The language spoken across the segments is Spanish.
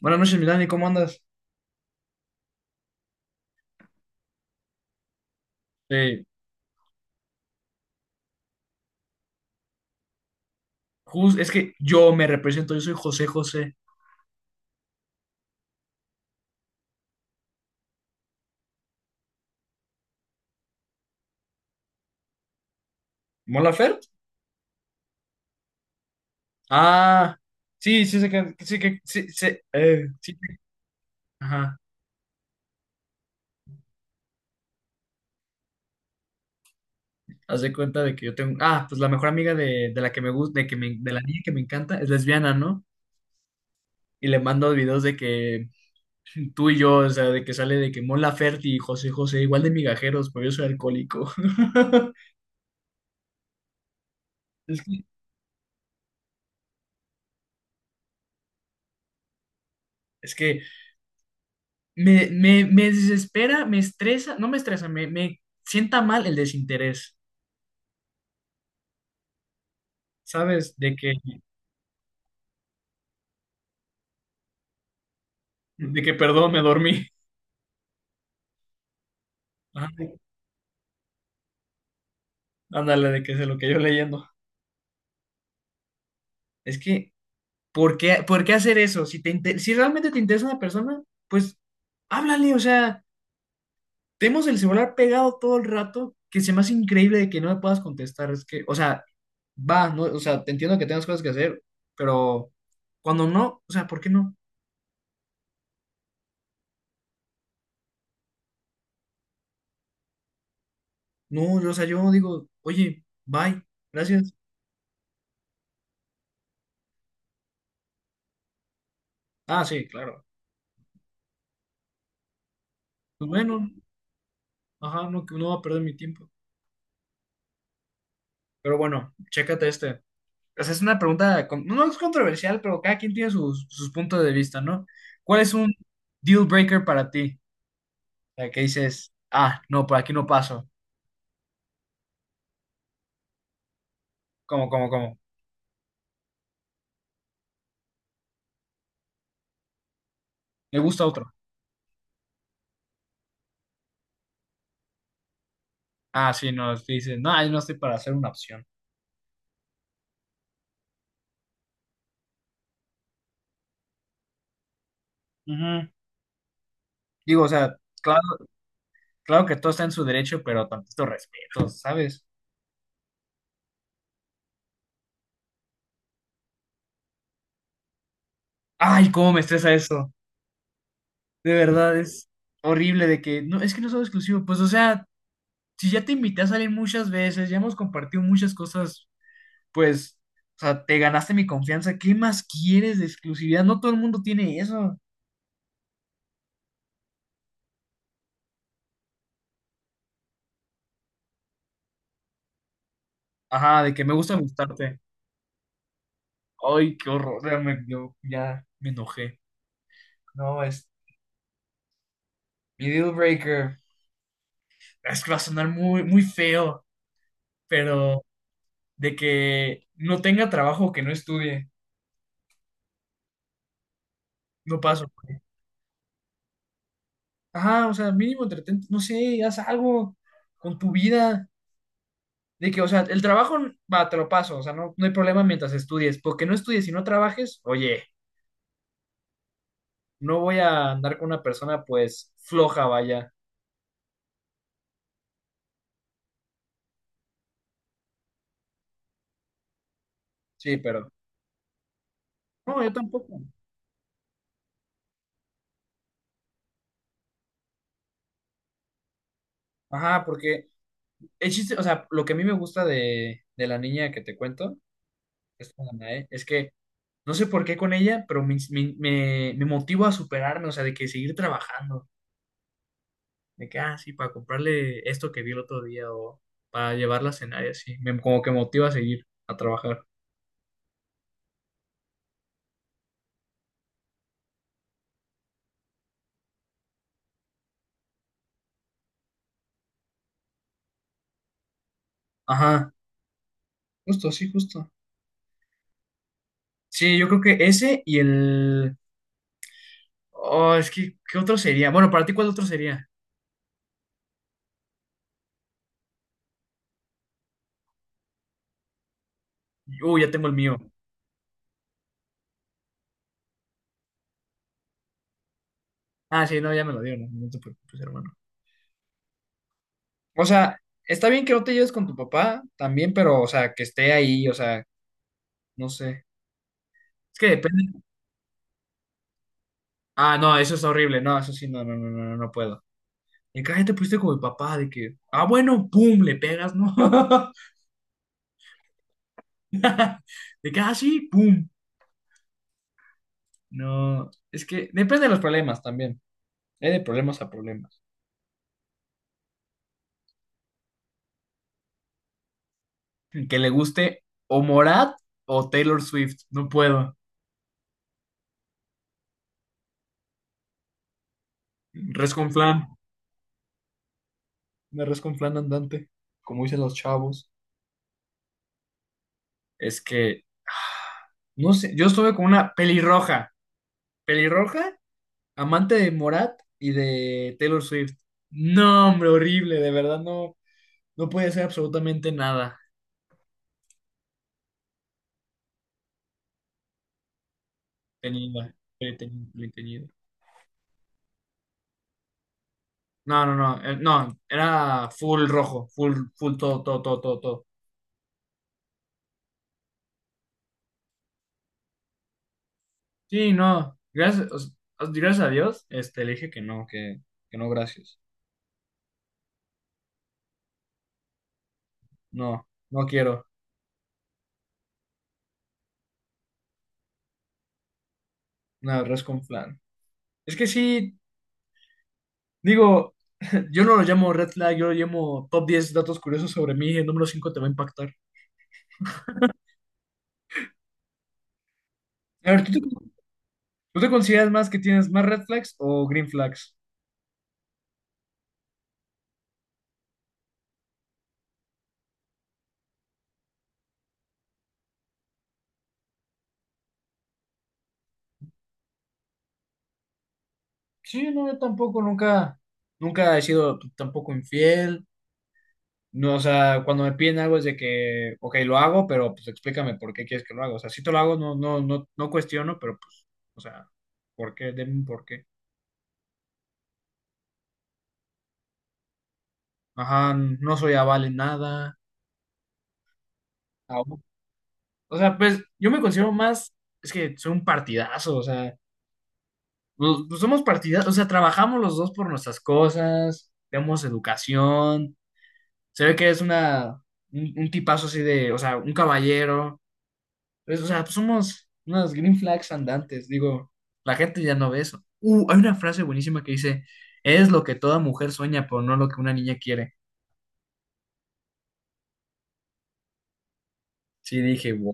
Buenas noches, Milani, ¿cómo andas? Eh, es que yo me represento, yo soy José José. ¿Molafert? Ah, sí, sí, sé que, sí, sí, sí, ajá. Haz de cuenta de que yo tengo, ah, pues la mejor amiga de la que me gusta, de la niña que me encanta, es lesbiana, ¿no? Y le mando videos de que tú y yo, o sea, de que sale de que Mon Laferte y José José, igual de migajeros, pero yo soy alcohólico. Es que, es que me desespera, me estresa, no me estresa, me sienta mal el desinterés, ¿sabes? De que, perdón, me dormí. Ajá, Ándale, de que se lo que yo leyendo. Es que, ¿por qué hacer eso? Si realmente te interesa una persona, pues háblale, o sea, tenemos el celular pegado todo el rato, que se me hace increíble de que no me puedas contestar, es que, o sea, va, no, o sea, te entiendo que tengas cosas que hacer, pero cuando no, o sea, ¿por qué no? No, yo, o sea, yo digo, oye, bye, gracias. Ah, sí, claro. Pues bueno, ajá, no, no va a perder mi tiempo. Pero bueno, chécate este. O sea, es una pregunta, no es controversial, pero cada quien tiene sus, sus puntos de vista, ¿no? ¿Cuál es un deal breaker para ti? O sea, que dices, ah, no, por aquí no paso. ¿Cómo, cómo, cómo? ¿Le gusta otro? Ah, sí, no, es que dices, no, yo no estoy para hacer una opción. Ujú. Digo, o sea, claro, claro que todo está en su derecho, pero tantito respeto, ¿sabes? Ay, cómo me estresa eso. De verdad, es horrible de que, no, es que no son exclusivo pues, o sea, si ya te invité a salir muchas veces, ya hemos compartido muchas cosas, pues, o sea, te ganaste mi confianza, ¿qué más quieres de exclusividad? No todo el mundo tiene eso. Ajá, de que me gusta gustarte. Ay, qué horror, ya me, yo ya me enojé. No, es mi deal breaker. Es que va a sonar muy, muy feo, pero de que no tenga trabajo, o que no estudie, no paso. Ajá, o sea, mínimo entretente, no sé, haz algo con tu vida. De que, o sea, el trabajo, va, te lo paso, o sea, no, no hay problema mientras estudies, porque no estudies y no trabajes, oye, no voy a andar con una persona, pues, floja, vaya. Sí, pero, no, yo tampoco. Ajá, porque el chiste, o sea, lo que a mí me gusta de la niña que te cuento, esta Danae, es que no sé por qué con ella, pero me motivo a superarme, o sea, de que seguir trabajando. De que, ah, sí, para comprarle esto que vi el otro día o para llevarla a cenar y así. Me, como que motiva a seguir a trabajar. Ajá, justo. Sí, yo creo que ese y el... Oh, es que, ¿qué otro sería? Bueno, para ti, ¿cuál otro sería? Ya tengo el mío. Ah, sí, no, ya me lo dio, no, no te preocupes, hermano. O sea, está bien que no te lleves con tu papá también, pero, o sea, que esté ahí, o sea, no sé. Es que depende. Ah, no, eso es horrible, no, eso sí, no, no, no, no, no no puedo. Y cada gente pusiste como el papá, de que, ah, bueno, pum, le pegas, ¿no? De que, ah, sí, pum. No, es que depende de los problemas también. Hay de problemas a problemas. Que le guste o Morat o Taylor Swift. No puedo. Res con flan. Una res con flan andante. Como dicen los chavos. Es que, ah, no sé, yo estuve con una pelirroja. Pelirroja, amante de Morat y de Taylor Swift. No, hombre, horrible, de verdad no. No podía hacer absolutamente nada. Tenida, pretenida, pretenida. No, no, no, no, era full rojo, full todo, todo, todo, todo, todo. Sí, no, gracias, o sea, gracias a Dios, este, le dije que no, que no, gracias. No, no quiero, no, res con flan. Es que sí, digo, yo no lo llamo red flag, yo lo llamo top 10 datos curiosos sobre mí, el número 5 te va a impactar. A ver, ¿tú te consideras más que tienes más red flags o green flags? Sí, no, yo tampoco nunca, nunca he sido tampoco infiel. No, o sea, cuando me piden algo es de que, ok, lo hago, pero pues explícame por qué quieres que lo haga. O sea, si te lo hago, no, no, no, no cuestiono, pero pues, o sea, ¿por qué? Deme un por qué. Ajá, no soy aval en nada. Au. O sea, pues yo me considero más, es que soy un partidazo, o sea, pues, pues, somos partidazos, o sea, trabajamos los dos por nuestras cosas, tenemos educación. Se ve que es una, un tipazo así de, o sea, un caballero. Pues, o sea, somos unas green flags andantes, digo, la gente ya no ve eso. Hay una frase buenísima que dice, es lo que toda mujer sueña, pero no lo que una niña quiere. Sí, dije, wow.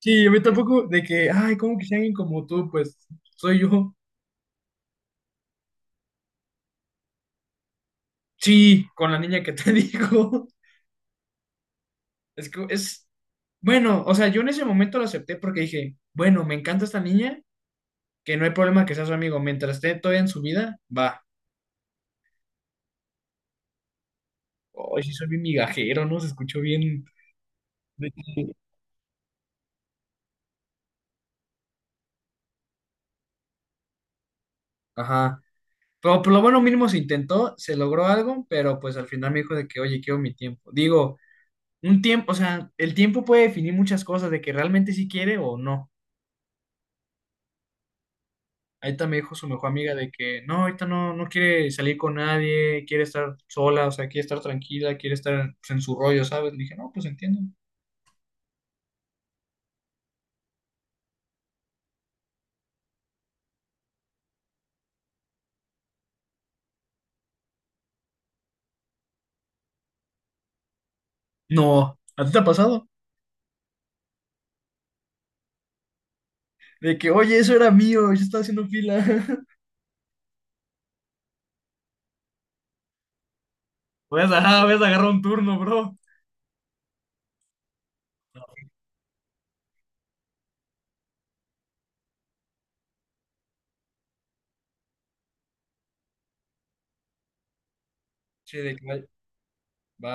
Sí, a mí tampoco de que, ay, ¿cómo que sea alguien como tú? Pues soy yo. Sí, con la niña que te digo. Es que es, bueno, o sea, yo en ese momento lo acepté porque dije, bueno, me encanta esta niña, que no hay problema que sea su amigo, mientras esté todavía en su vida, va. Ay, sí, soy bien migajero, ¿no? Se escuchó bien. Ajá. Pero por lo bueno mínimo se intentó, se logró algo, pero pues al final me dijo de que, oye, quiero mi tiempo. Digo, un tiempo, o sea, el tiempo puede definir muchas cosas, de que realmente sí quiere o no. Ahorita me dijo su mejor amiga de que no, ahorita no, no quiere salir con nadie, quiere estar sola, o sea, quiere estar tranquila, quiere estar pues, en su rollo, ¿sabes? Le dije, no, pues entiendo. No, ¿a ti te ha pasado? De que, oye, eso era mío, yo estaba haciendo fila. Voy a agarrar un turno, bro. No, sí, de que va, va,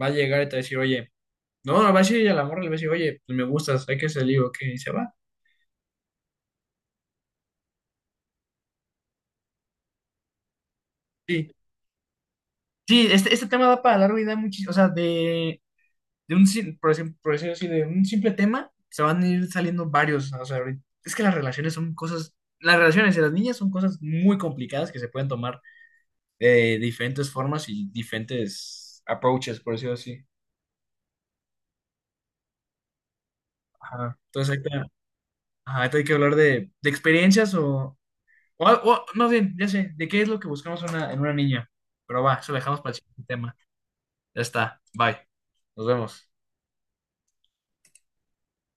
va a llegar y te va a decir, oye. No, no, va a decir a la morra, le va a decir, oye, pues me gustas, hay que salir, o qué, y se va. Sí, sí, este tema da para largo y da muchísimo, o sea, de un, por ejemplo, por decirlo así, de un simple tema, se van a ir saliendo varios, o sea, es que las relaciones son cosas, las relaciones de las niñas son cosas muy complicadas que se pueden tomar de diferentes formas y diferentes approaches, por decirlo así. Ajá. Entonces, hay que ajá, ahorita hay que hablar de experiencias o, más bien, ya sé, de qué es lo que buscamos una, en una niña, pero va, eso lo dejamos para el siguiente tema. Ya está. Bye. Nos vemos.